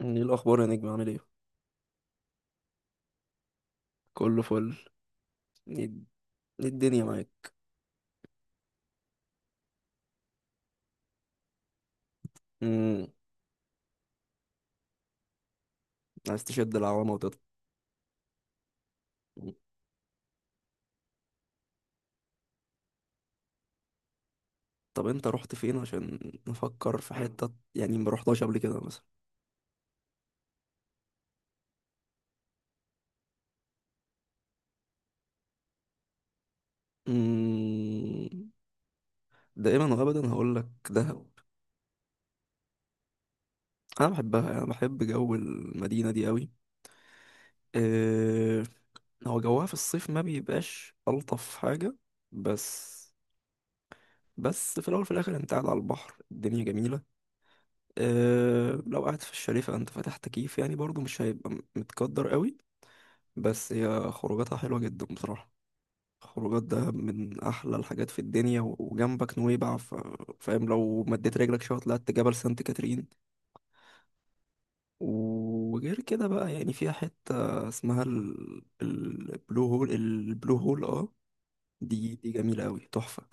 ايه الاخبار يا نجم؟ عامل ايه؟ كله فل. ايه؟ إيه الدنيا معاك؟ امم عايز تشد العوامه وتطلع؟ مم. طب انت رحت فين عشان نفكر في حته؟ يعني ما رحتهاش قبل كده مثلا؟ امم دائما وابدا هقول لك دهب. انا بحبها، انا بحب جو المدينه دي قوي. أه، هو جوها في الصيف ما بيبقاش الطف حاجه. بس بس في الاول وفي الاخر انت قاعد على البحر، الدنيا جميله. أه، لو قاعد في الشاليه فانت فاتح تكييف، يعني برضو مش هيبقى متقدر قوي. بس هي خروجاتها حلوة جدا بصراحة. خروجات ده من احلى الحاجات في الدنيا، و- وجنبك نويبع. فاهم؟ لو مديت رجلك شوية طلعت جبل سانت كاترين. وغير كده بقى، يعني فيها حتة اسمها البلو هول، اه. دي جميلة قوي، تحفة.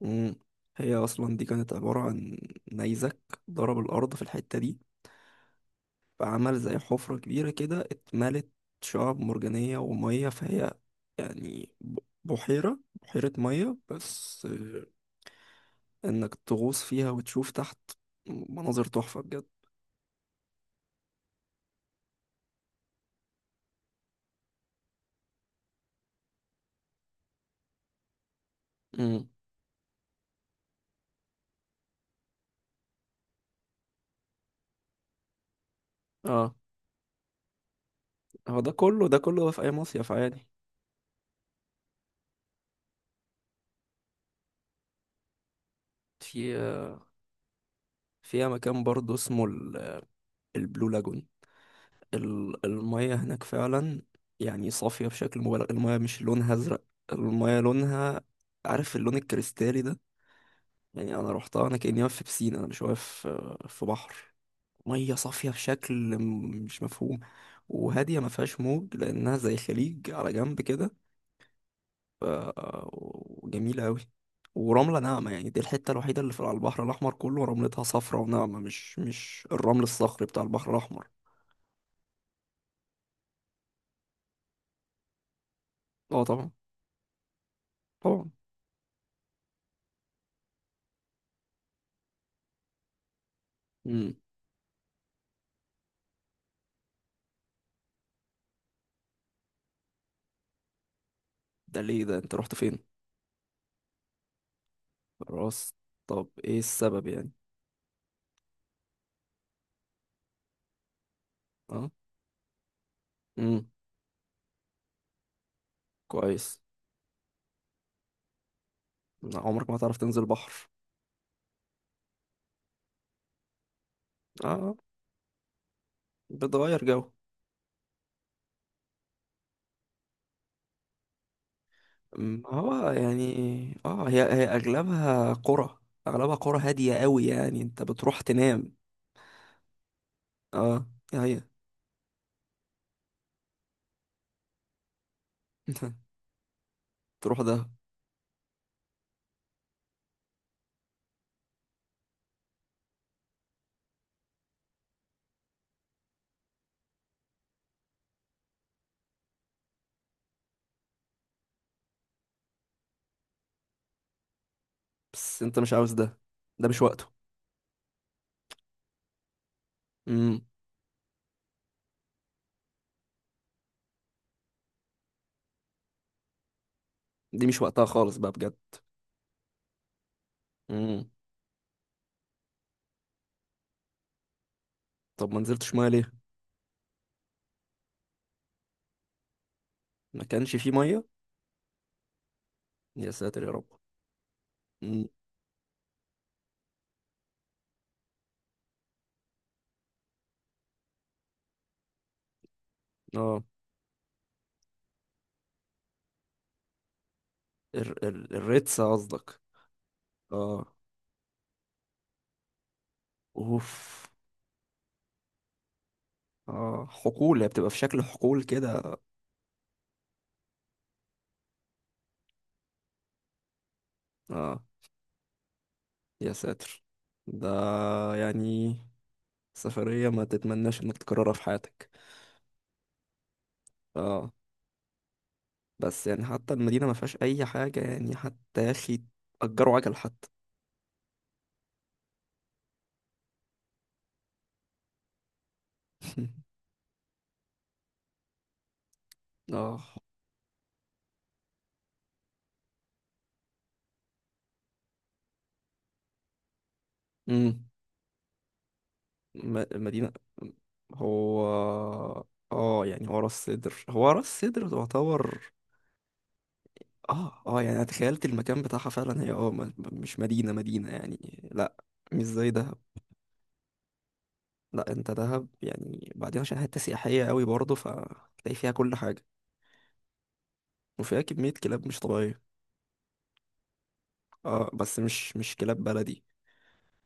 مم. هي اصلا دي كانت عبارة عن نيزك ضرب الارض في الحتة دي. فعمل زي حفرة كبيرة كده، اتملت شعاب مرجانية ومية، فهي يعني بحيرة مية بس. انك تغوص فيها وتشوف تحت مناظر تحفة بجد. امم. اه، هو ده كله ده كله في اي مصيف عادي. في فيها مكان برضه اسمه البلو لاجون. المية هناك فعلا، يعني صافية بشكل مبالغ. المية مش لونها ازرق، المية لونها، عارف اللون الكريستالي ده؟ يعني انا روحتها انا كاني واقف في بسين، انا مش واقف في بحر. ميه صافيه بشكل مش مفهوم. وهاديه ما فيهاش موج، لانها زي خليج على جنب كده. ف- وجميله قوي، ورمله ناعمه، يعني دي الحته الوحيده اللي في على البحر الاحمر كله رملتها صفرة وناعمه، مش الرمل الصخري بتاع البحر الاحمر. اه طبعا، طبعا. امم ده ليه؟ ده انت رحت فين؟ راس... طب ايه السبب يعني؟ اه. امم. كويس. لا، عمرك ما تعرف تنزل بحر؟ اه، بتغير جو. ما هو يعني، اه، هي اغلبها قرى، اغلبها قرى هادية قوي، يعني انت بتروح تنام. اه، هي. تروح ده. بس انت مش عاوز ده، ده مش وقته. امم دي مش وقتها خالص بقى بجد. امم طب ما نزلتش ميه ليه؟ ما كانش فيه ميه؟ يا ساتر يا رب. امم. اه، ال ال الريتسة قصدك؟ اه. اوف. اه، حقول، هي بتبقى في شكل حقول كده. اه. يا ساتر. ده يعني سفرية ما تتمناش انك تكررها في حياتك. اه، بس يعني حتى المدينة ما فيهاش اي حاجة، يعني حتى يا اخي، اجروا عجل حتى. اه. امم المدينة. هو، اه، يعني هو راس سدر تعتبر. اه، اه، يعني انا تخيلت المكان بتاعها فعلا، هي، اه، مش مدينة مدينة يعني، لا. مش زي دهب. لا، انت دهب يعني بعدين عشان حتة سياحية قوي برضه، فتلاقي فيها كل حاجة. وفيها كمية كلاب مش طبيعية. اه، بس مش كلاب بلدي.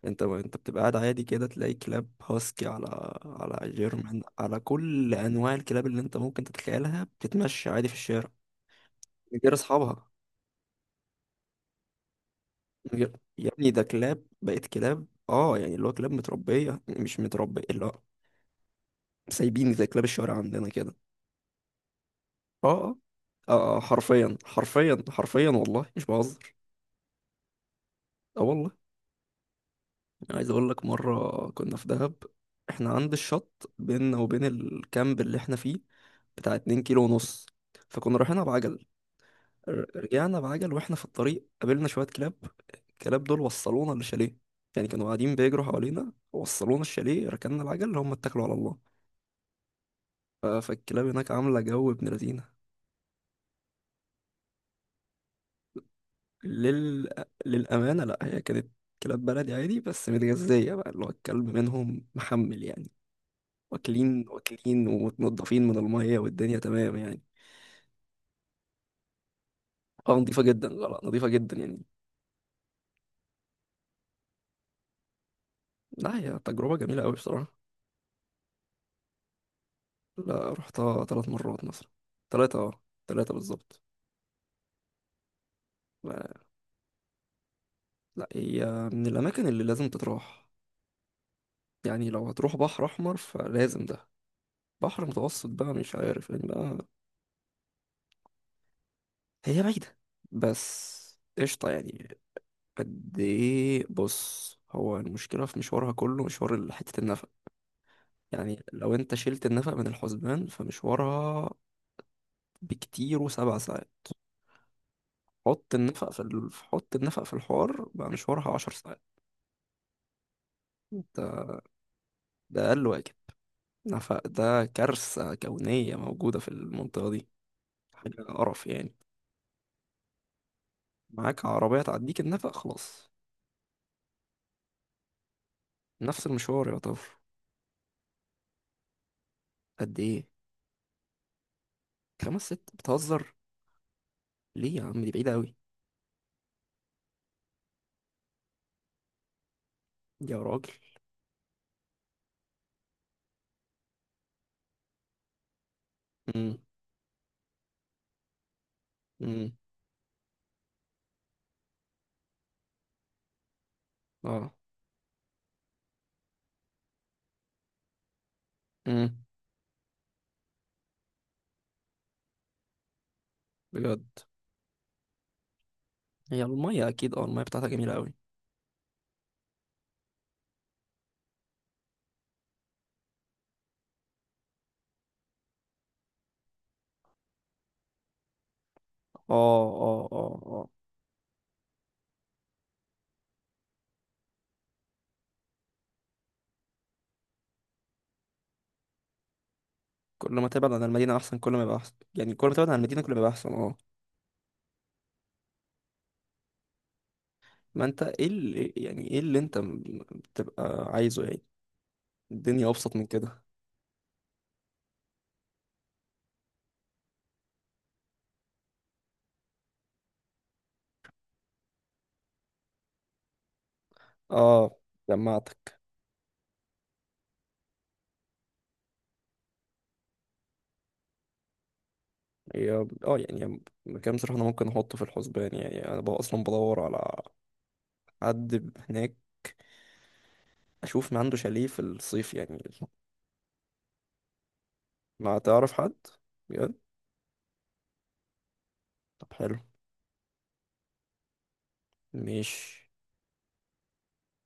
انت بتبقى قاعد عادي كده تلاقي كلاب هاسكي، على جيرمان، على كل انواع الكلاب اللي انت ممكن تتخيلها بتتمشى عادي في الشارع. من غير اصحابها. من غير- يا ابني، ده كلاب بقت كلاب، اه يعني اللي هو كلاب متربية مش متربية اللي هو سايبين زي كلاب الشوارع عندنا كده. اه، اه، اه، حرفيا حرفيا حرفيا، والله مش بهزر. اه والله. عايز اقول لك، مره كنا في دهب. احنا عند الشط، بيننا وبين الكامب اللي احنا فيه بتاع 2 كيلو ونص. فكنا رايحين بعجل. رجعنا بعجل، واحنا في الطريق قابلنا شويه كلاب. الكلاب دول وصلونا للشاليه، يعني كانوا قاعدين بيجروا حوالينا، وصلونا الشاليه، ركننا العجل، هم اتكلوا على الله. فالكلاب هناك عامله جو ابن لذينه. لل... للامانه، لا هي كانت كلاب بلدي عادي، بس متغذيه بقى، اللي هو الكلب منهم محمل يعني، واكلين واكلين ومتنضفين من المية، والدنيا تمام يعني. اه، نضيفة جدا، لا لا، نضيفة جدا يعني. لا، هي تجربة جميلة أوي بصراحة. لا، رحتها 3 مرات مثلا. ثلاثة، اه. ثلاثة بالظبط. لا لا، هي من الأماكن اللي لازم تتراح، يعني لو هتروح بحر أحمر فلازم ده. بحر متوسط بقى مش عارف يعني بقى. هي بعيدة، بس قشطة يعني. قد إيه؟ بص، هو المشكلة في مشوارها كله مشوار حتة النفق. يعني لو انت شلت النفق من الحسبان فمشوارها بكتير، و7 ساعات. حط النفق في حط النفق في الحوار بقى، مشوارها 10 ساعات. ده, ده أقل واجب. نفق ده كارثة كونية موجودة في المنطقة دي. حاجة قرف يعني. معاك عربية تعديك النفق خلاص. نفس المشوار يا طفل. قد ايه؟ خمس ست؟ بتهزر؟ ليه يا عم، دي بعيدة أوي. دي يا راجل. امم، امم، اه، امم. بجد؟ هي المية أكيد، اه، المية بتاعتها جميلة أوي. اه، اه، اه، آه. كل ما تبعد عن المدينة أحسن، كل ما يبقى أحسن، يعني كل ما تبعد عن المدينة كل ما يبقى أحسن، اه. ما أنت، إيه اللي يعني، إيه اللي أنت بتبقى عايزه يعني؟ الدنيا أبسط من كده. اه. جمعتك. هي، اه، يعني مكان بصراحة أنا ممكن أحطه في الحسبان، يعني أنا بقى أصلا بدور على حد هناك أشوف ما عنده شاليه في الصيف يعني. ما تعرف حد؟ بجد؟ طب حلو. ماشي.